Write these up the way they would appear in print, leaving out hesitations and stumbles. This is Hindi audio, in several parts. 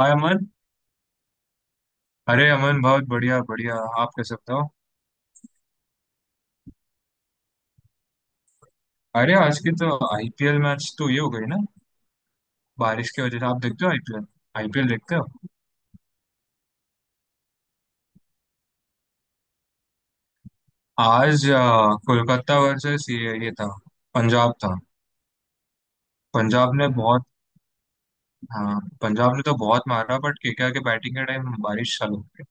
हाय अमन। अरे अमन, बहुत बढ़िया बढ़िया। आप कैसे, बताओ। अरे आज की तो आईपीएल मैच तो ये हो गई ना, बारिश की वजह से। आप देखते हो आईपीएल? आईपीएल देखते हो? आज कोलकाता वर्सेस ये था, पंजाब था। पंजाब ने बहुत... हाँ पंजाब ने तो बहुत मारा बट केकेआर के बैटिंग के टाइम बारिश चालू हो गई।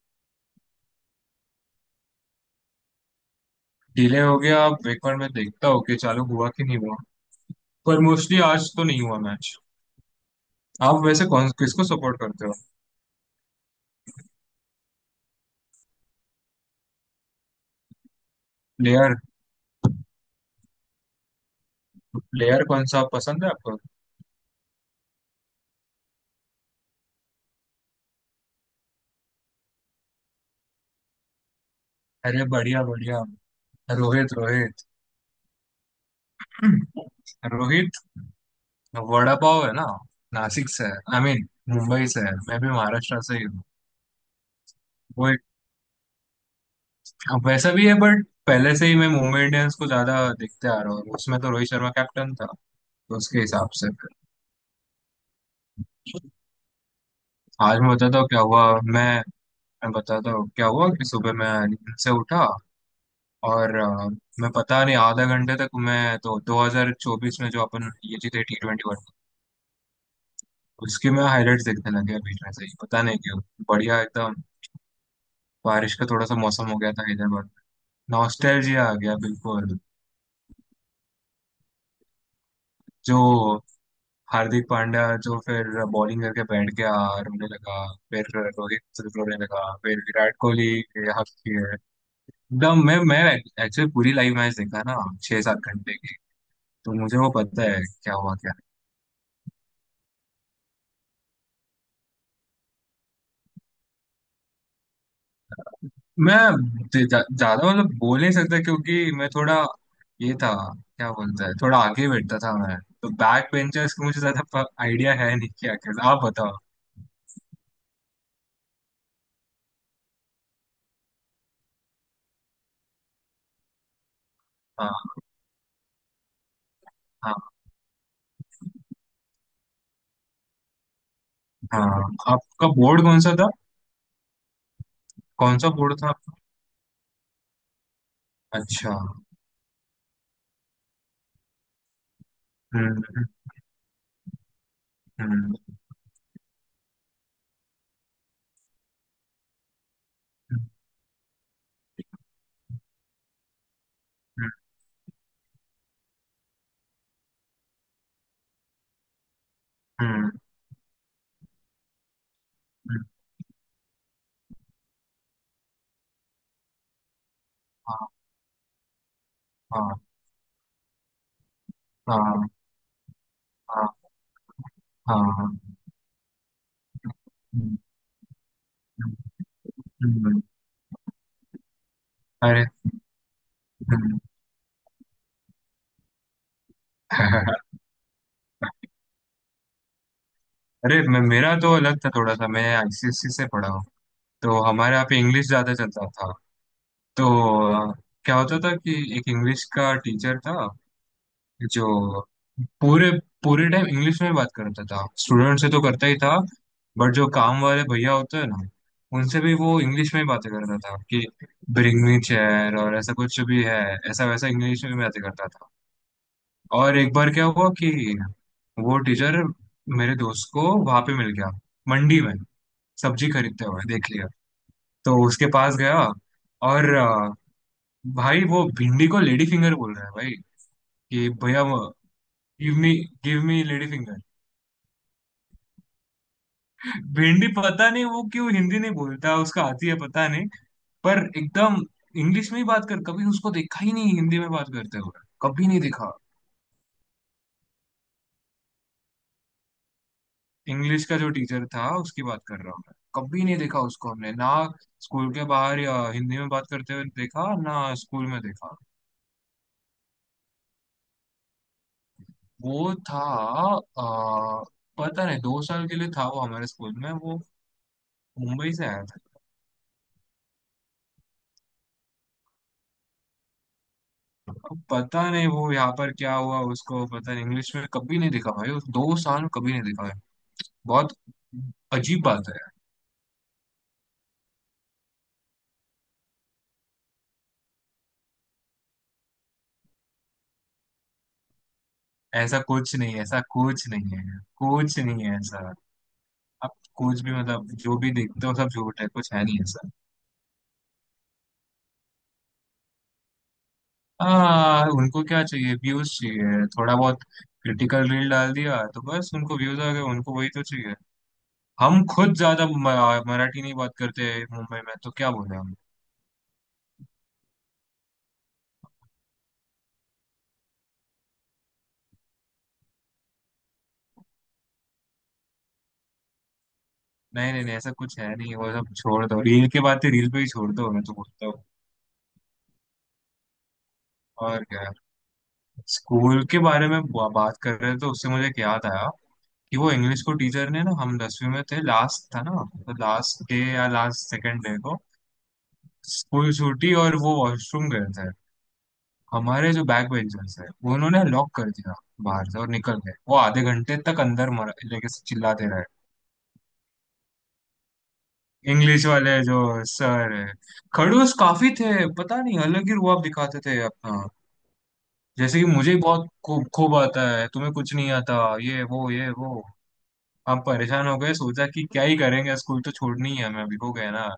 डिले हो गया, अब एक बार मैं देखता हूँ कि चालू हुआ कि नहीं हुआ, पर मोस्टली आज तो नहीं हुआ मैच। आप वैसे कौन किसको सपोर्ट करते हो? प्लेयर, प्लेयर कौन सा पसंद है आपको? अरे बढ़िया बढ़िया। रोहित, रोहित। रोहित वड़ा पाव है ना, नासिक से है, आई मीन मुंबई से है। मैं भी महाराष्ट्र से ही हूँ। वो एक, अब वैसा भी है बट पहले से ही मैं मुंबई इंडियंस को ज्यादा देखते आ रहा हूँ, उसमें तो रोहित शर्मा कैप्टन था, तो उसके हिसाब से फिर। आज मैं बताता हूँ क्या हुआ। मैं बताता हूँ क्या हुआ कि सुबह मैं नींद से उठा और मैं पता नहीं आधा घंटे तक मैं तो 2024 में जो अपन ये जीते T20 वर्ल्ड कप, उसकी मैं हाईलाइट्स देखने लगे बीच में से ही पता नहीं क्यों। बढ़िया एकदम। बारिश का थोड़ा सा मौसम हो गया था हैदराबाद में, नॉस्टैल्जिया आ गया बिल्कुल। जो हार्दिक पांड्या जो फिर बॉलिंग करके बैठ गया, रोने लगा। फिर रोहित रोने लगा, फिर विराट कोहली ये हंसती है एकदम। मैं एक्चुअली पूरी लाइव मैच देखा ना, 6-7 घंटे की, तो मुझे वो पता है क्या हुआ क्या। नहीं। मैं ज्यादा मतलब बोल नहीं सकता क्योंकि मैं थोड़ा ये था, क्या बोलता है, थोड़ा आगे बैठता था। मैं तो बैक बेंचर्स का मुझे ज्यादा आइडिया है नहीं। क्या क्या आप बताओ। हाँ हाँ। हाँ। आपका बोर्ड कौन सा था? कौन सा बोर्ड था आपका? अच्छा। हम्म। हम्म। हम्म। हम्म, हम्म। हाँ हाँ हाँ हाँ। हाँ, हाँ। हम्म, हम्म, हम्म। अरे। हम्म। अरे, मैं मेरा तो अलग था थोड़ा सा, मैं आईसीएससी से पढ़ा हूँ। तो हमारे यहाँ पे इंग्लिश ज्यादा चलता था। तो अ, क्या होता था कि एक इंग्लिश का टीचर था, जो पूरे पूरे टाइम इंग्लिश में बात करता था। स्टूडेंट से तो करता ही था, बट जो काम वाले भैया होते हैं ना, उनसे भी वो इंग्लिश में ही बातें करता था, कि ब्रिंग मी चेयर और ऐसा कुछ भी है, ऐसा वैसा इंग्लिश में बातें करता था। और एक बार क्या हुआ कि वो टीचर मेरे दोस्त को वहां पे मिल गया, मंडी में सब्जी खरीदते हुए देख लिया, तो उसके पास गया और भाई, वो भिंडी को लेडी फिंगर बोल रहा है भाई, कि भैया, give me give me lady finger. भिंडी पता नहीं वो क्यों हिंदी नहीं बोलता, उसका आती है पता नहीं, पर एकदम इंग्लिश में ही बात कर, कभी उसको देखा ही नहीं हिंदी में बात करते हुए, कभी नहीं देखा। इंग्लिश का जो टीचर था उसकी बात कर रहा हूँ मैं, कभी नहीं देखा उसको हमने ना स्कूल के बाहर, या हिंदी में बात करते हुए देखा ना स्कूल में देखा। वो था आ, पता नहीं, 2 साल के लिए था वो हमारे स्कूल में, वो मुंबई से आया था। अब पता नहीं वो यहाँ पर क्या हुआ उसको, पता नहीं, इंग्लिश में कभी नहीं देखा भाई उस 2 साल में, कभी नहीं देखा। बहुत अजीब बात है। ऐसा कुछ नहीं है, ऐसा कुछ नहीं है, कुछ नहीं है ऐसा। आप कुछ भी मतलब जो भी देखते हो सब झूठ है, कुछ है नहीं ऐसा। हाँ उनको क्या चाहिए, व्यूज चाहिए, थोड़ा बहुत क्रिटिकल रील डाल दिया तो बस उनको व्यूज आ गए, उनको वही तो चाहिए। हम खुद ज्यादा मराठी नहीं बात करते मुंबई में, तो क्या बोले हम। नहीं नहीं नहीं, ऐसा कुछ है नहीं, वो सब छोड़ दो, रील के बातें रील पे ही छोड़ दो, मैं तो बोलता हूँ। और क्या, स्कूल के बारे में बात कर रहे थे तो उससे मुझे एक याद आया, कि वो इंग्लिश को टीचर ने ना, हम 10वीं में थे लास्ट था ना, तो लास्ट डे या लास्ट सेकंड डे को स्कूल छूटी और वो वॉशरूम गए थे, हमारे जो बैक बेंचर्स है वो उन्होंने लॉक कर दिया बाहर से और निकल गए, वो आधे घंटे तक अंदर मर लेके चिल्लाते रहे। इंग्लिश वाले जो सर है, खड़ूस काफी थे, पता नहीं अलग ही रुआब दिखाते थे अपना, जैसे कि मुझे ही बहुत खूब खूब आता है, तुम्हें कुछ नहीं आता, ये वो, ये वो। हम परेशान हो गए, सोचा कि क्या ही करेंगे, स्कूल तो छोड़नी ही है हमें, अभी हो गए ना,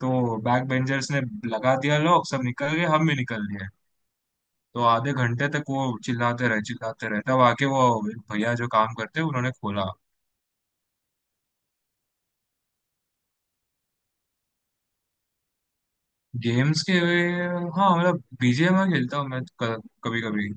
तो बैक बेंचर्स ने लगा दिया, लोग सब निकल गए, हम भी निकल लिए, तो आधे घंटे तक वो चिल्लाते रहे चिल्लाते रहे, तब आके वो भैया जो काम करते हैं उन्होंने खोला। गेम्स के, हाँ मतलब बीजीएमआई खेलता हूँ मैं कभी कभी।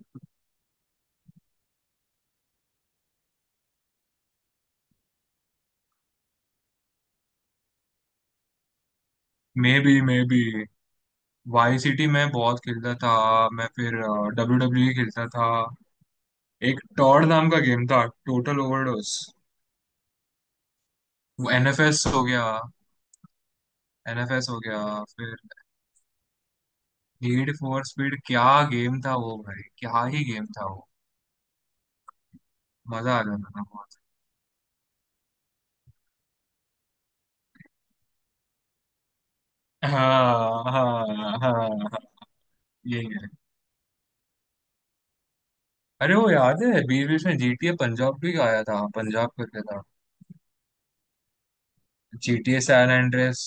मे बी वाई सिटी मैं बहुत खेलता था, मैं फिर डब्ल्यू डब्ल्यू खेलता था, एक टॉड नाम का गेम था, टोटल ओवरडोज। एनएफएस हो गया, एनएफएस हो गया। फिर नीड फॉर स्पीड, क्या गेम था वो भाई, क्या ही गेम था वो, मजा आ जाता था बहुत। हाँ हाँ हाँ हाँ, यही है। अरे वो याद है, बीच बीच में जीटीए पंजाब भी आया था, पंजाब करके था। GTA San Andreas,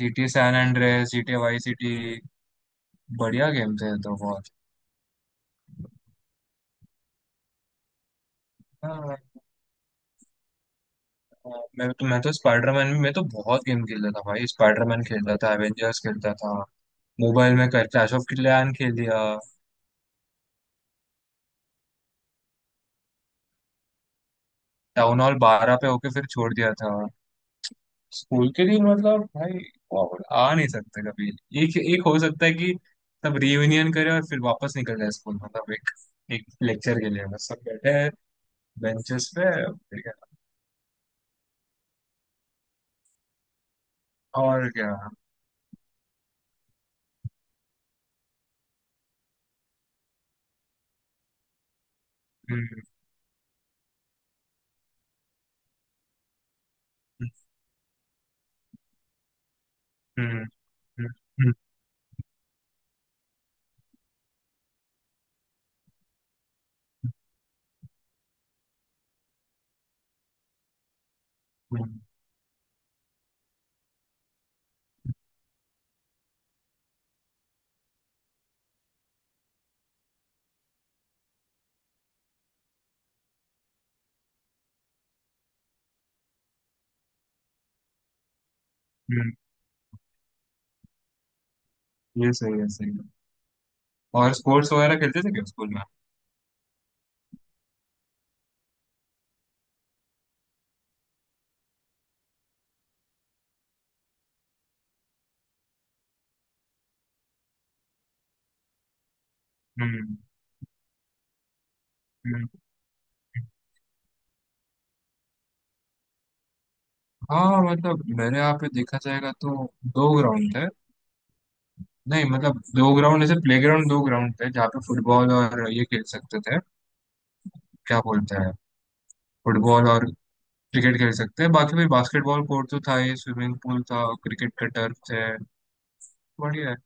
GTA San Andreas, GTA Vice City, बढ़िया गेम थे तो बहुत। हाँ, हाँ। मैं तो स्पाइडरमैन में मैं तो बहुत गेम खेलता था भाई, स्पाइडरमैन खेलता था, एवेंजर्स खेलता था, मोबाइल में क्लैश ऑफ क्लैन खेल लिया। टाउन हॉल 12 पे होके फिर छोड़ दिया था। स्कूल के दिन मतलब भाई, वाह, आ नहीं सकते कभी। एक एक हो सकता है कि सब रियूनियन करे और फिर वापस निकल जाए, स्कूल मतलब एक एक लेक्चर के लिए बस सब बैठे हैं बेंचेस पे। ठीक है। और क्या। हम्म हम्म। हम्म। हम्म, हम्म, हम्म। ये सही है सही है। और स्पोर्ट्स वगैरह खेलते थे क्या स्कूल में? हम्म हम्म। हम्म। हाँ मतलब मेरे यहाँ पे देखा जाएगा तो दो ग्राउंड थे, नहीं मतलब दो ग्राउंड, ऐसे प्लेग्राउंड दो ग्राउंड थे जहाँ पे फुटबॉल और ये खेल सकते थे, क्या बोलते हैं, फुटबॉल और क्रिकेट खेल सकते हैं, बाकी भाई बास्केटबॉल कोर्ट तो था ही, स्विमिंग पूल था, क्रिकेट का टर्फ है, बढ़िया है।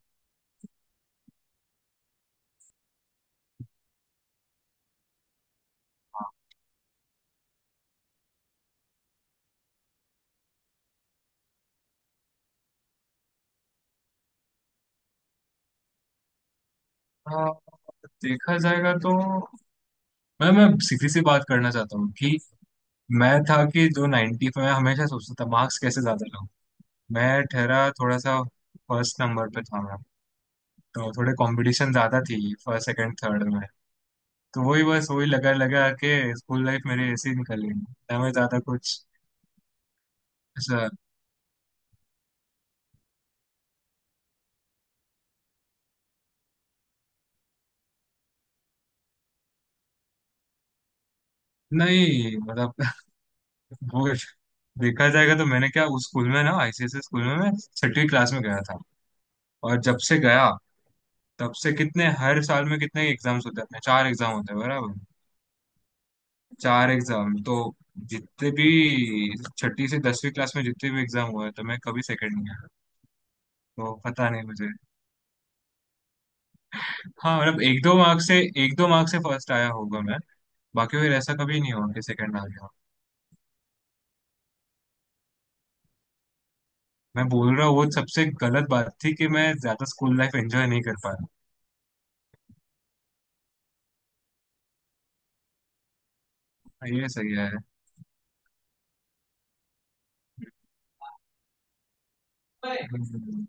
हाँ, देखा जाएगा तो मैं सीधी सी बात करना चाहता हूँ, कि मैं था कि जो 90 पे मैं हमेशा सोचता था मार्क्स कैसे ज्यादा लाऊं। मैं ठहरा थोड़ा सा, फर्स्ट नंबर पे था मैं, तो थोड़े कंपटीशन ज्यादा थी फर्स्ट सेकंड थर्ड में, तो वही बस वही लगा लगा के स्कूल लाइफ मेरी ऐसी ही निकल गई, ना मैं ज्यादा कुछ ऐसा। नहीं मतलब वो, देखा जाएगा तो मैंने क्या उस स्कूल में ना, आईसीएसई स्कूल में मैं छठी क्लास में गया था, और जब से गया तब से कितने हर साल में कितने एग्जाम्स होते हैं अपने, चार एग्जाम होते हैं बराबर। चार एग्जाम तो जितने भी छठी से 10वीं क्लास में जितने भी एग्जाम हुए तो मैं कभी सेकंड नहीं आया, तो पता नहीं मुझे। हाँ मतलब एक दो मार्क्स से, एक दो मार्क्स से फर्स्ट आया होगा मैं, बाकी फिर ऐसा कभी नहीं हुआ कि सेकंड आ गया। मैं बोल रहा हूँ वो सबसे गलत बात थी कि मैं ज्यादा स्कूल लाइफ एंजॉय नहीं कर पाया। ये सही है। हम्म,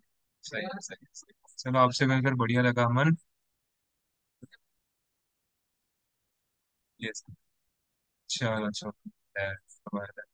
सही है सही है सही है। चलो, आपसे मिलकर बढ़िया लगा अमन। ये, चलो, अच्छा।